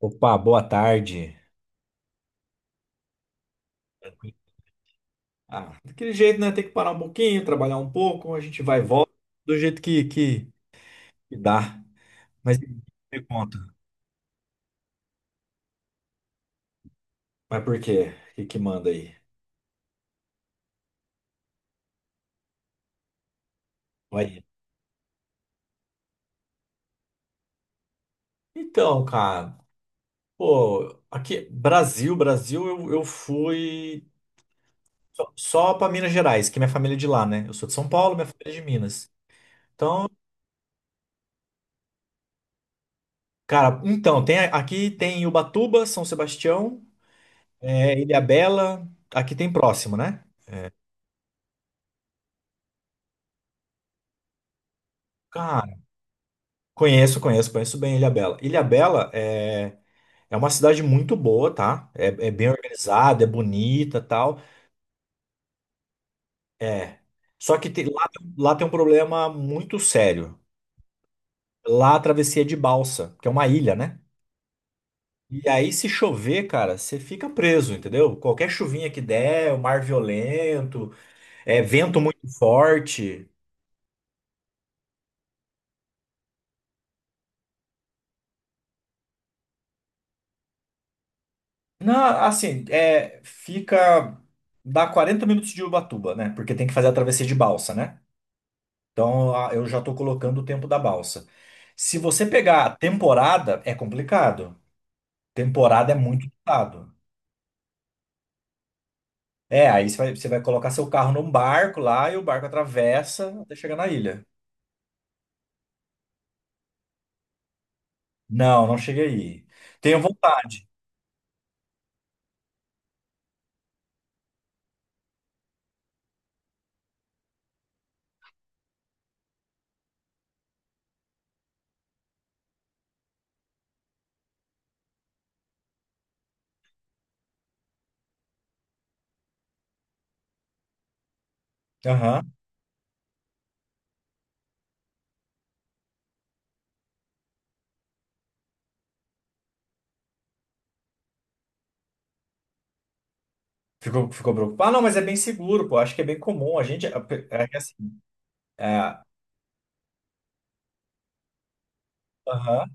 Opa, boa tarde. Tranquilo. Ah, daquele jeito, né? Tem que parar um pouquinho, trabalhar um pouco, a gente vai e volta do jeito que dá. Mas me conta. Mas por quê? O que que manda aí? Vai. Então, cara, pô, aqui, Brasil, Brasil, eu fui só pra Minas Gerais, que minha família é de lá, né? Eu sou de São Paulo, minha família é de Minas. Cara, então, tem, aqui tem Ubatuba, São Sebastião, Ilhabela, aqui tem próximo, né? Cara, conheço bem Ilhabela. Ilhabela é uma cidade muito boa, tá? É bem organizada, é bonita, tal. É. Só que lá tem um problema muito sério. Lá a travessia é de balsa, que é uma ilha, né? E aí se chover, cara, você fica preso, entendeu? Qualquer chuvinha que der, o mar violento, é vento muito forte. Não, assim, fica dá 40 minutos de Ubatuba, né? Porque tem que fazer a travessia de balsa, né? Então eu já estou colocando o tempo da balsa. Se você pegar a temporada, é complicado. Temporada é muito ditado. É, aí você vai colocar seu carro num barco lá e o barco atravessa até chegar na ilha. Não, não cheguei aí. Tenho vontade. Aham. Ficou preocupado? Ah, não, mas é bem seguro, pô. Acho que é bem comum. A gente. É que assim. É, aham.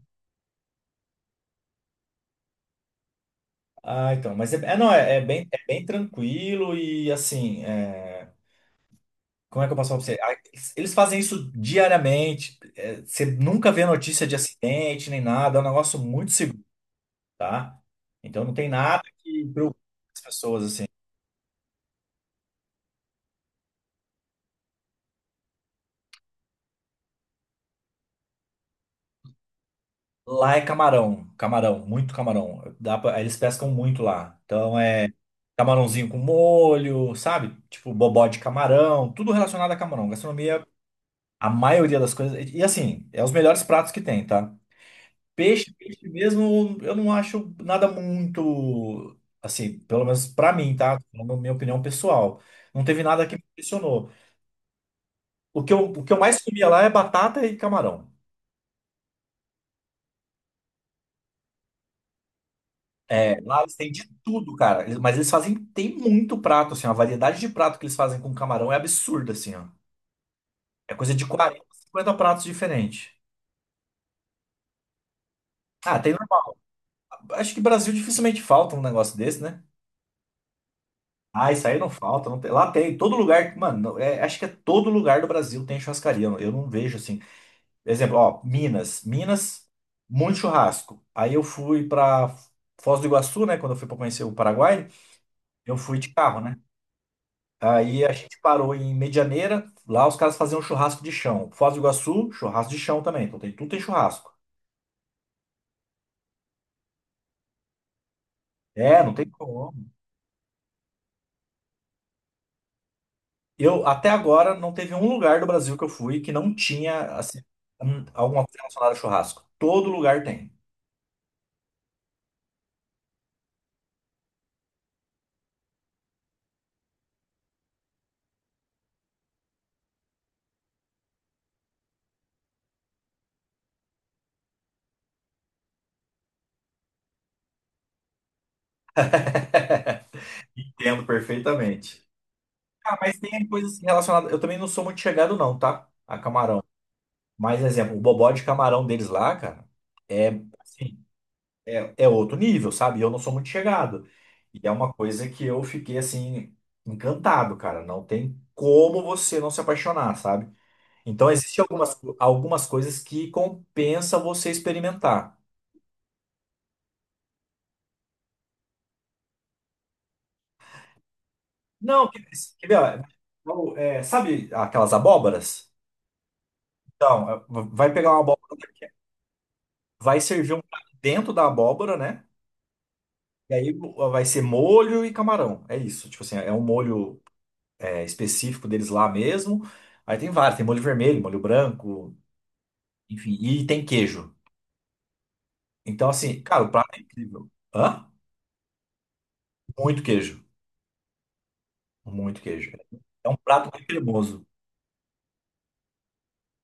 Ah, então. Mas é, não, é bem tranquilo e assim. Como é que eu posso falar pra você? Ah, eles fazem isso diariamente. Você nunca vê notícia de acidente nem nada. É um negócio muito seguro, tá? Então não tem nada que preocupe as pessoas assim. Lá é camarão, camarão, muito camarão. Dá eles pescam muito lá. Então é camarãozinho com molho, sabe? Tipo bobó de camarão, tudo relacionado a camarão. Gastronomia, a maioria das coisas. E, assim, é os melhores pratos que tem, tá? Peixe, peixe mesmo, eu não acho nada muito, assim, pelo menos pra mim, tá? Na minha opinião pessoal. Não teve nada que me impressionou. O que eu mais comia lá é batata e camarão. É, lá eles têm de tudo, cara. Mas eles fazem, tem muito prato, assim, a variedade de prato que eles fazem com camarão é absurda, assim, ó. É coisa de 40 50 pratos diferentes. Ah, tem, acho que Brasil dificilmente falta um negócio desse, né? Ah, isso aí não falta, não lá tem, todo lugar, mano, acho que é todo lugar do Brasil tem churrascaria, eu não vejo assim. Exemplo, ó, Minas, Minas, muito churrasco. Aí eu fui pra Foz do Iguaçu, né, quando eu fui pra conhecer o Paraguai, eu fui de carro, né? Aí a gente parou em Medianeira, lá os caras faziam churrasco de chão. Foz do Iguaçu, churrasco de chão também, então tem, tudo tem churrasco. É, não tem como. Eu, até agora, não teve um lugar do Brasil que eu fui que não tinha, assim, alguma coisa relacionada a churrasco. Todo lugar tem. Entendo perfeitamente. Ah, mas tem coisas relacionadas. Eu também não sou muito chegado, não, tá? A camarão. Mas, exemplo, o bobó de camarão deles lá, cara, é, assim, é outro nível, sabe? Eu não sou muito chegado. E é uma coisa que eu fiquei, assim, encantado, cara. Não tem como você não se apaixonar, sabe? Então, existem algumas coisas que compensa você experimentar. Não, quer ver? Ó, sabe aquelas abóboras? Então, vai pegar uma abóbora, vai servir um prato dentro da abóbora, né? E aí vai ser molho e camarão. É isso. Tipo assim, é um molho específico deles lá mesmo. Aí tem vários, tem molho vermelho, molho branco, enfim, e tem queijo. Então, assim, cara, o prato é incrível. Hã? Muito queijo. Muito queijo. É um prato muito cremoso.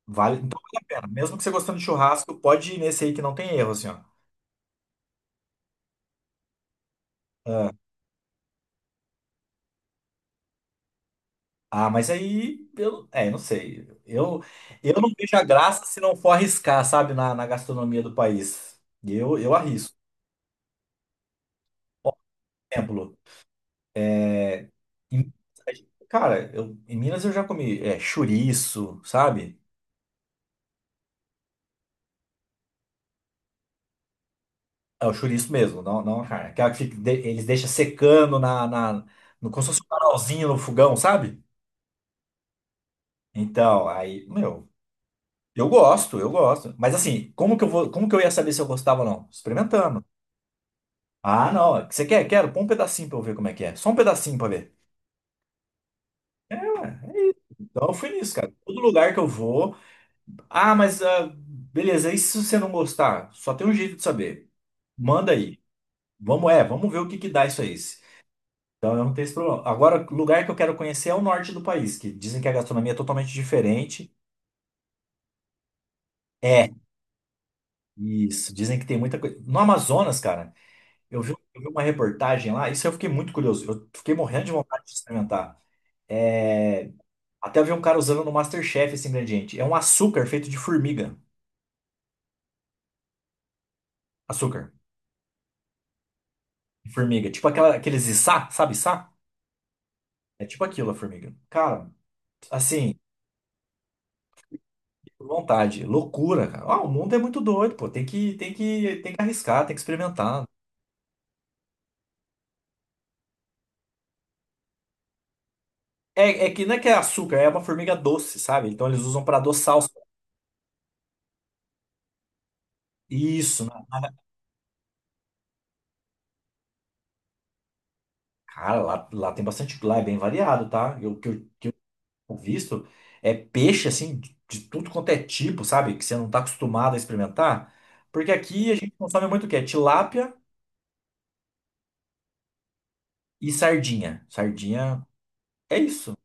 Vale, então vale a pena. Mesmo que você gostando de churrasco, pode ir nesse aí que não tem erro, assim, ó. Ah, mas aí eu, não sei. Eu não vejo a graça se não for arriscar, sabe, na gastronomia do país. Eu arrisco. Por exemplo, é, em- cara, em Minas eu já comi chouriço, sabe? É o chouriço mesmo, não, não a carne. Aquela que eles deixam secando no, como se fosse um canalzinho no fogão, sabe? Então, aí, meu, eu gosto, eu gosto. Mas assim, como que eu vou, como que eu ia saber se eu gostava ou não? Experimentando. Ah, não. Você quer? Quero. Põe um pedacinho pra eu ver como é que é. Só um pedacinho pra ver. Ah, então eu fui nisso, cara. Todo lugar que eu vou. Ah, mas beleza. E se você não gostar? Só tem um jeito de saber. Manda aí. Vamos ver o que que dá isso aí. Então eu não tenho esse problema. Agora, o lugar que eu quero conhecer é o norte do país, que dizem que a gastronomia é totalmente diferente. É, isso. Dizem que tem muita coisa. No Amazonas, cara, eu vi uma reportagem lá, isso eu fiquei muito curioso. Eu fiquei morrendo de vontade de experimentar. É, Até eu vi um cara usando no MasterChef esse ingrediente. É um açúcar feito de formiga. Açúcar de formiga. Tipo aquela, aqueles içá, sabe içá? É tipo aquilo, a formiga. Cara, assim, vontade. Loucura, cara. Ah, o mundo é muito doido, pô. Tem que arriscar, tem que experimentar. É que não é que é açúcar, é uma formiga doce, sabe? Então eles usam pra adoçar os... Isso, né? Cara, lá tem bastante... Lá é bem variado, tá? Eu, que o visto é peixe assim de tudo quanto é tipo, sabe? Que você não tá acostumado a experimentar. Porque aqui a gente consome muito o quê? Tilápia e sardinha. Sardinha é isso.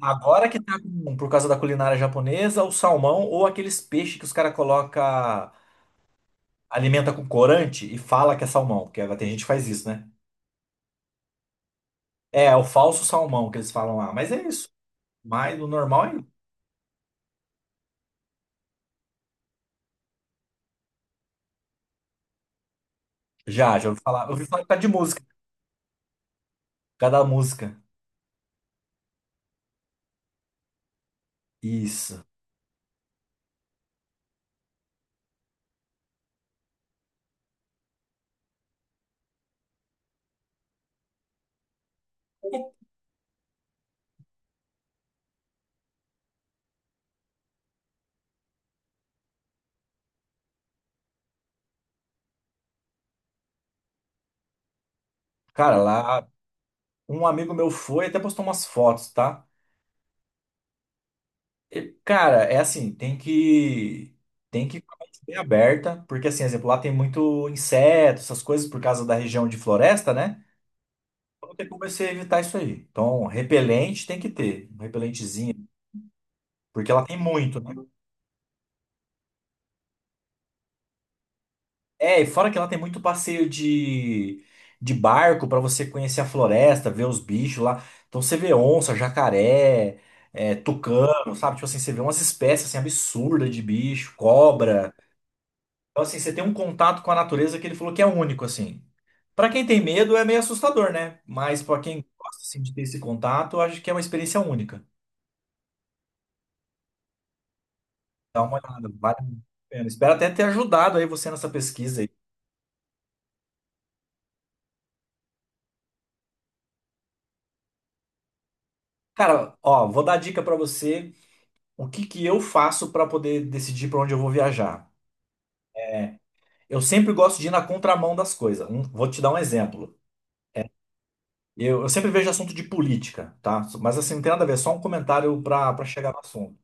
Agora que tá por causa da culinária japonesa, o salmão ou aqueles peixes que os caras coloca alimenta com corante e fala que é salmão, porque tem gente que faz isso, né? É o falso salmão que eles falam lá, mas é isso. Mas o normal é isso. Já ouvi falar. Eu ouvi falar por causa de música, por causa da música. Isso. Cara, lá um amigo meu foi, até postou umas fotos, tá? E, cara, é assim, tem que ir com a mente bem aberta, porque assim, exemplo, lá tem muito inseto, essas coisas por causa da região de floresta, né? Então tem como você evitar isso aí. Então, repelente tem que ter, um repelentezinho, porque ela tem muito, né? É, e fora que lá tem muito passeio de barco pra você conhecer a floresta, ver os bichos lá. Então você vê onça, jacaré, tucano, sabe? Tipo assim, você vê umas espécies assim, absurdas de bicho, cobra. Então assim, você tem um contato com a natureza que ele falou que é único, assim. Pra quem tem medo é meio assustador, né? Mas pra quem gosta assim, de ter esse contato, eu acho que é uma experiência única. Dá uma olhada, vale a pena. Espero até ter ajudado aí você nessa pesquisa aí. Cara, ó, vou dar dica pra você. O que que eu faço para poder decidir para onde eu vou viajar? Eu sempre gosto de ir na contramão das coisas. Vou te dar um exemplo. Eu sempre vejo assunto de política, tá? Mas assim, não tem nada a ver, só um comentário para chegar no assunto.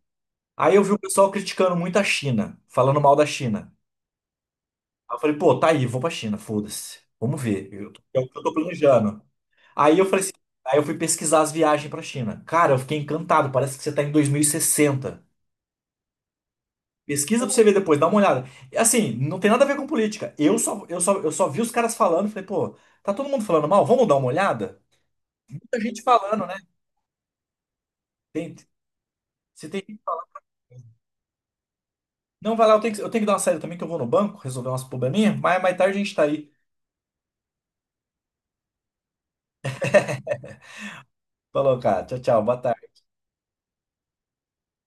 Aí eu vi o pessoal criticando muito a China, falando mal da China. Aí eu falei, pô, tá aí, vou pra China, foda-se. Vamos ver. É o que eu tô planejando. Aí eu falei assim, aí eu fui pesquisar as viagens pra China. Cara, eu fiquei encantado, parece que você tá em 2060. Pesquisa pra você ver depois, dá uma olhada. E, assim, não tem nada a ver com política. Eu só vi os caras falando, e falei, pô, tá todo mundo falando mal, vamos dar uma olhada? Muita gente falando, né? Tem, se tem... Não, vai lá, eu tenho que dar uma saída também, que eu vou no banco resolver umas probleminhas, mas mais tarde a gente tá aí. Falou, cara. Tchau, tchau. Boa tarde.